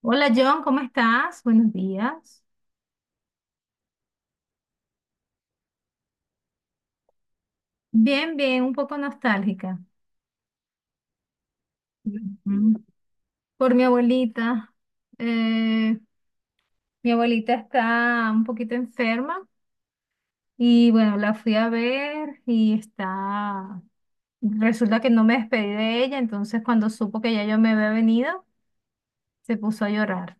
Hola John, ¿cómo estás? Buenos días. Bien, bien, un poco nostálgica. Ujú. Por mi abuelita. Eh, mi abuelita está un poquito enferma y bueno, la fui a ver y está. Resulta que no me despedí de ella, entonces cuando supo que ya yo me había venido, se puso a llorar.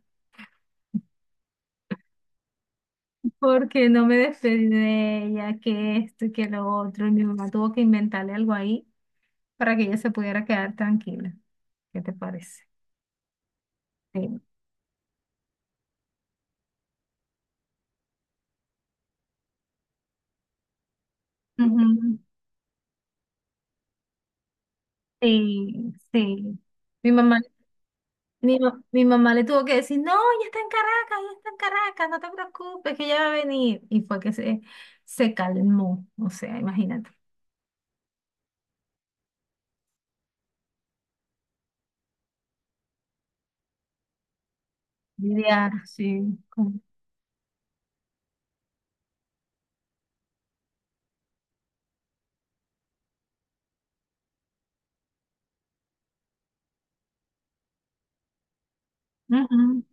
Porque no me despedí de ella, que esto y que lo otro. Y mi mamá tuvo que inventarle algo ahí para que ella se pudiera quedar tranquila. ¿Qué te parece? Sí. Ujú. Sí, sí. Mi mamá, mi mamá le tuvo que decir, no, ella está en Caracas, ella está en Caracas, no te preocupes, que ella va a venir. Y fue que se calmó, o sea, imagínate. Lidiar, sí. con- Ujú.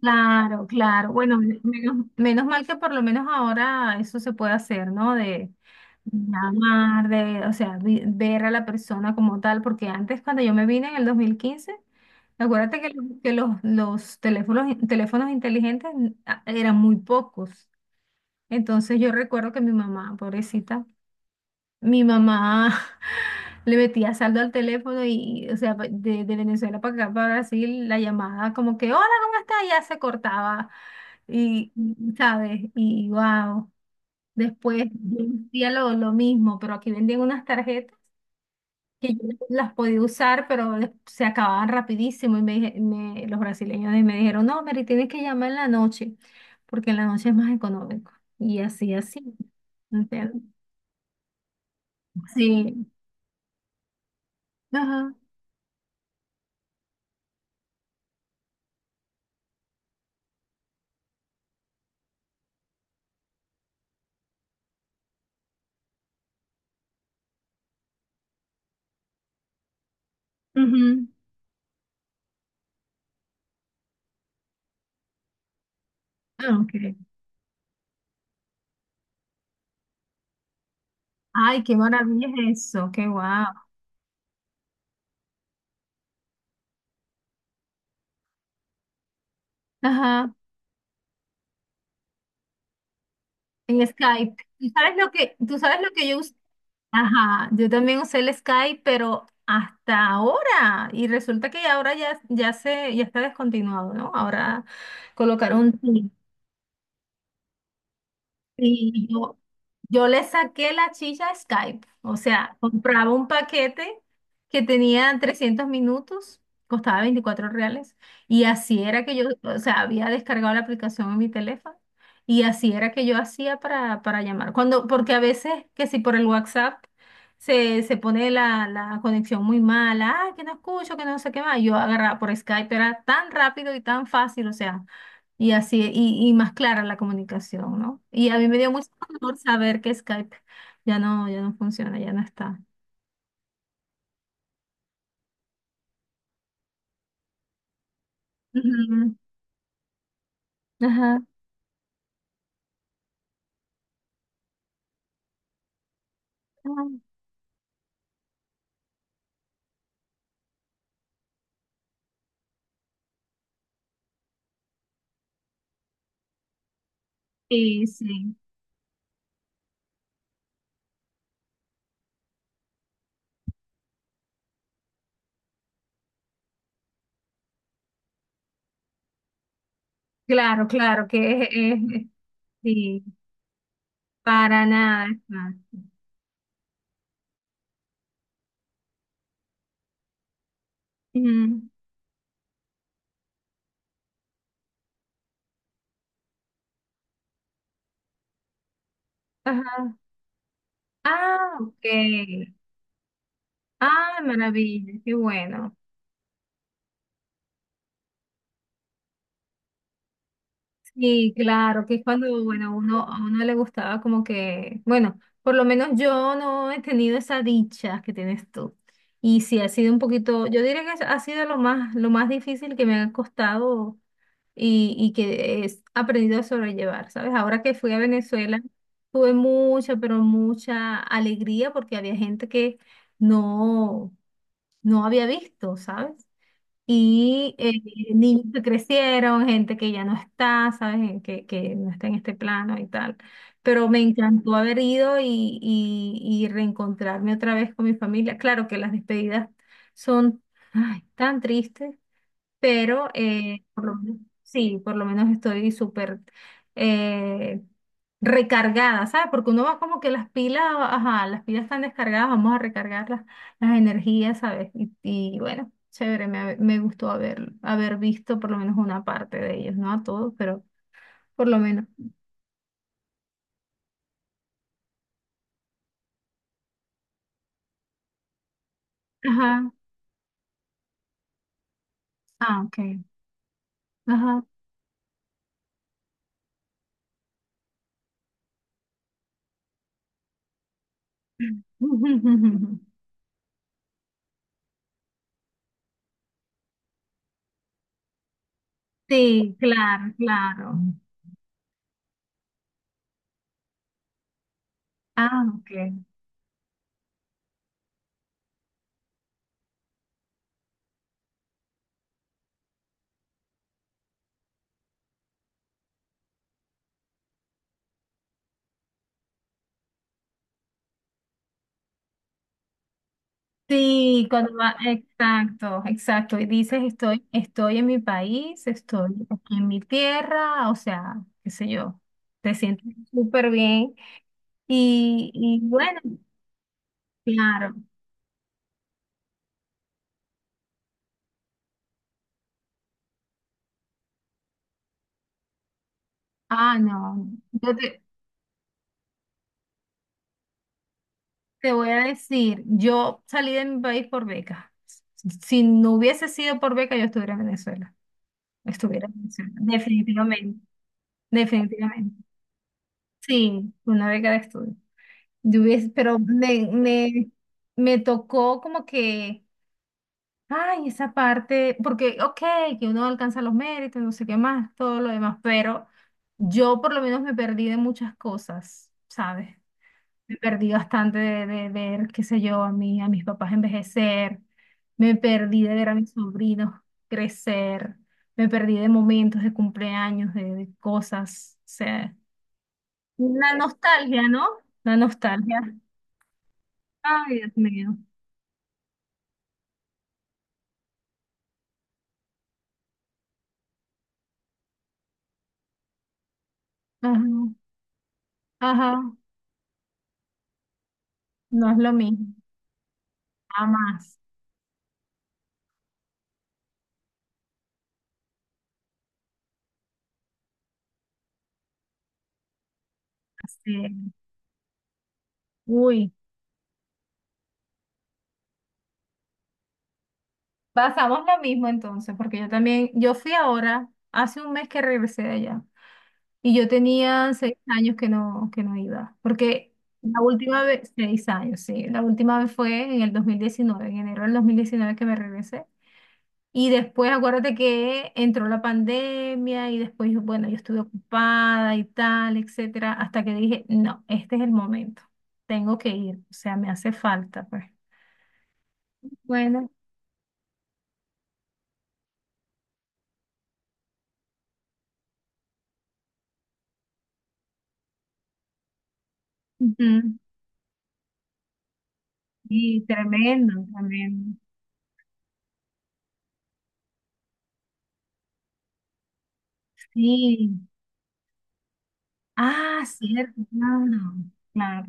Claro, claro. Bueno, menos mal que por lo menos ahora eso se puede hacer, ¿no? De llamar, o sea, ver a la persona como tal, porque antes cuando yo me vine en el 2015, acuérdate que, que los teléfonos, teléfonos inteligentes eran muy pocos. Entonces yo recuerdo que mi mamá, pobrecita, mi mamá le metía saldo al teléfono y, o sea, de Venezuela para acá, para Brasil, la llamada como que, hola, ¿cómo estás? Y ya se cortaba. Y, ¿sabes? Y, wow. Después yo hacía lo mismo, pero aquí vendían unas tarjetas que yo las podía usar, pero se acababan rapidísimo. Y los brasileños me dijeron, no, Mary, tienes que llamar en la noche, porque en la noche es más económico. Y así, así. ¿Entiendes? Sí. Ajá. Ujú. Ah, ok. Ay, qué maravilla es eso, qué guau. Ajá, en Skype. ¿Tú sabes lo que yo usé? Ajá, yo también usé el Skype, pero hasta ahora. Y resulta que ahora ya, ya se, ya está descontinuado, ¿no? Ahora colocaron. Y yo le saqué la chicha a Skype. O sea, compraba un paquete que tenía 300 minutos, costaba 24 reales. Y así era que yo, o sea, había descargado la aplicación en mi teléfono. Y así era que yo hacía para llamar. Cuando, porque a veces, que si por el WhatsApp se pone la conexión muy mala, ah, que no escucho, que no sé qué más. Yo agarraba por Skype, era tan rápido y tan fácil, o sea. Y así, y más clara la comunicación, ¿no? Y a mí me dio mucho dolor saber que Skype ya no, ya no funciona, ya no está. Ujú. Ajá. Sí, sí. Claro, claro, que sí, para nada es fácil. Ujú. Ajá. Ah, ok. Ah, maravilla, qué bueno. Y claro, que es cuando, bueno, uno, a uno le gustaba como que, bueno, por lo menos yo no he tenido esa dicha que tienes tú. Y sí, ha sido un poquito, yo diría que ha sido lo más difícil que me ha costado y que he aprendido a sobrellevar, ¿sabes? Ahora que fui a Venezuela, tuve mucha, pero mucha alegría porque había gente que no, no había visto, ¿sabes? Y niños que crecieron, gente que ya no está, ¿sabes? Que no está en este plano y tal. Pero me encantó haber ido y reencontrarme otra vez con mi familia. Claro que las despedidas son ay, tan tristes, pero por lo menos, sí, por lo menos estoy súper eh, recargada, ¿sabes? Porque uno va como que las pilas, ajá, las pilas están descargadas, vamos a recargar las energías, ¿sabes? Y bueno, chévere, me gustó haber visto por lo menos una parte de ellos, no a todos, pero por lo menos. Ajá, ah, ok, ajá. Sí, claro, claro. Ah, ok. Sí, cuando va, exacto, exacto. Y dices, estoy en mi país, estoy aquí en mi tierra, o sea, qué sé yo, te sientes súper bien. Y bueno, claro. Ah, no, yo te voy a decir, yo salí de mi país por beca. Si no hubiese sido por beca, yo estuviera en Venezuela. Estuviera en Venezuela, definitivamente, definitivamente. Sí, una beca de estudio. Pero me tocó como que, ay, esa parte, porque, ok, que uno alcanza los méritos, no sé qué más, todo lo demás, pero yo por lo menos me perdí de muchas cosas, ¿sabes? Me perdí bastante de ver, qué sé yo, a mis papás envejecer, me perdí de ver a mis sobrinos crecer, me perdí de momentos de cumpleaños, de cosas, o sea, la nostalgia, ¿no? La nostalgia. Ay, Dios mío. Ajá, ajá, no es lo mismo, jamás. Así es. Uy, pasamos lo mismo entonces, porque yo también, yo fui ahora, hace un mes que regresé de allá, y yo tenía 6 años que no iba, porque la última vez, 6 años, sí, la última vez fue en el 2019, en enero del 2019, que me regresé. Y después acuérdate que entró la pandemia y después, bueno, yo estuve ocupada y tal, etcétera, hasta que dije, no, este es el momento, tengo que ir, o sea, me hace falta, pues. Bueno. Ujú. Y tremendo, tremendo. Sí. Ah, cierto, claro, claro.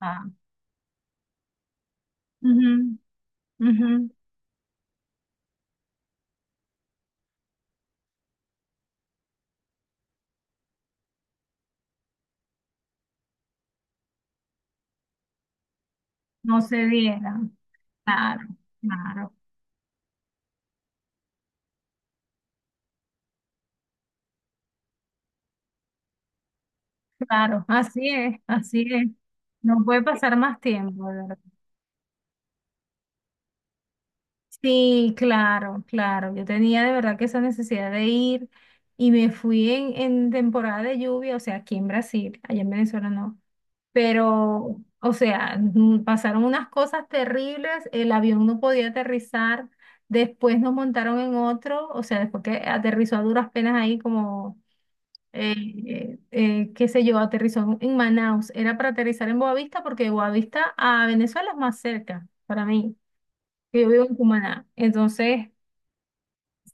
Ah. Ujú, ujú. No se dieran. Claro, claro, claro. Así es, así es. No puede pasar más tiempo, ¿verdad? Sí, claro, claro. Yo tenía de verdad que esa necesidad de ir y me fui en temporada de lluvia, o sea, aquí en Brasil, allá en Venezuela no. Pero, o sea, pasaron unas cosas terribles, el avión no podía aterrizar, después nos montaron en otro, o sea, después que aterrizó a duras penas ahí como, eh, qué sé yo, aterrizó en Manaus. Era para aterrizar en Boavista porque Boavista a Venezuela es más cerca para mí que yo vivo en Cumaná. Entonces,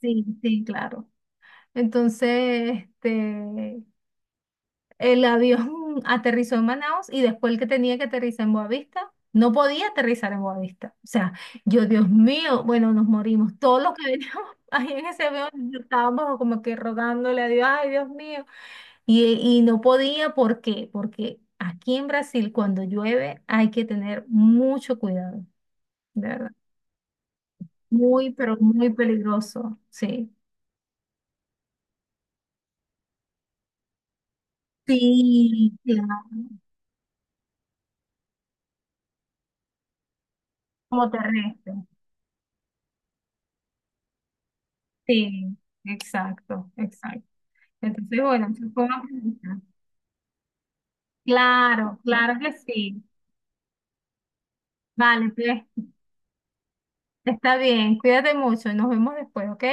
sí, sí, claro. Entonces, este, el avión aterrizó en Manaus y después el que tenía que aterrizar en Boavista, no podía aterrizar en Boavista. O sea, yo, Dios mío, bueno, nos morimos. Todos los que veníamos ahí en ese avión estábamos como que rogándole a Dios, ay, Dios mío. Y no podía, ¿por qué? Porque aquí en Brasil, cuando llueve, hay que tener mucho cuidado, de verdad. Muy, pero muy peligroso, sí. Sí, claro, como terrestre. Sí, exacto, exacto. Entonces, bueno, eso fue una pregunta. Claro, claro que sí. Vale, pues está bien. Cuídate mucho, nos vemos después, ¿ok?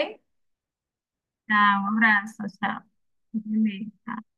Chao, un abrazo, chao. Bien, chao.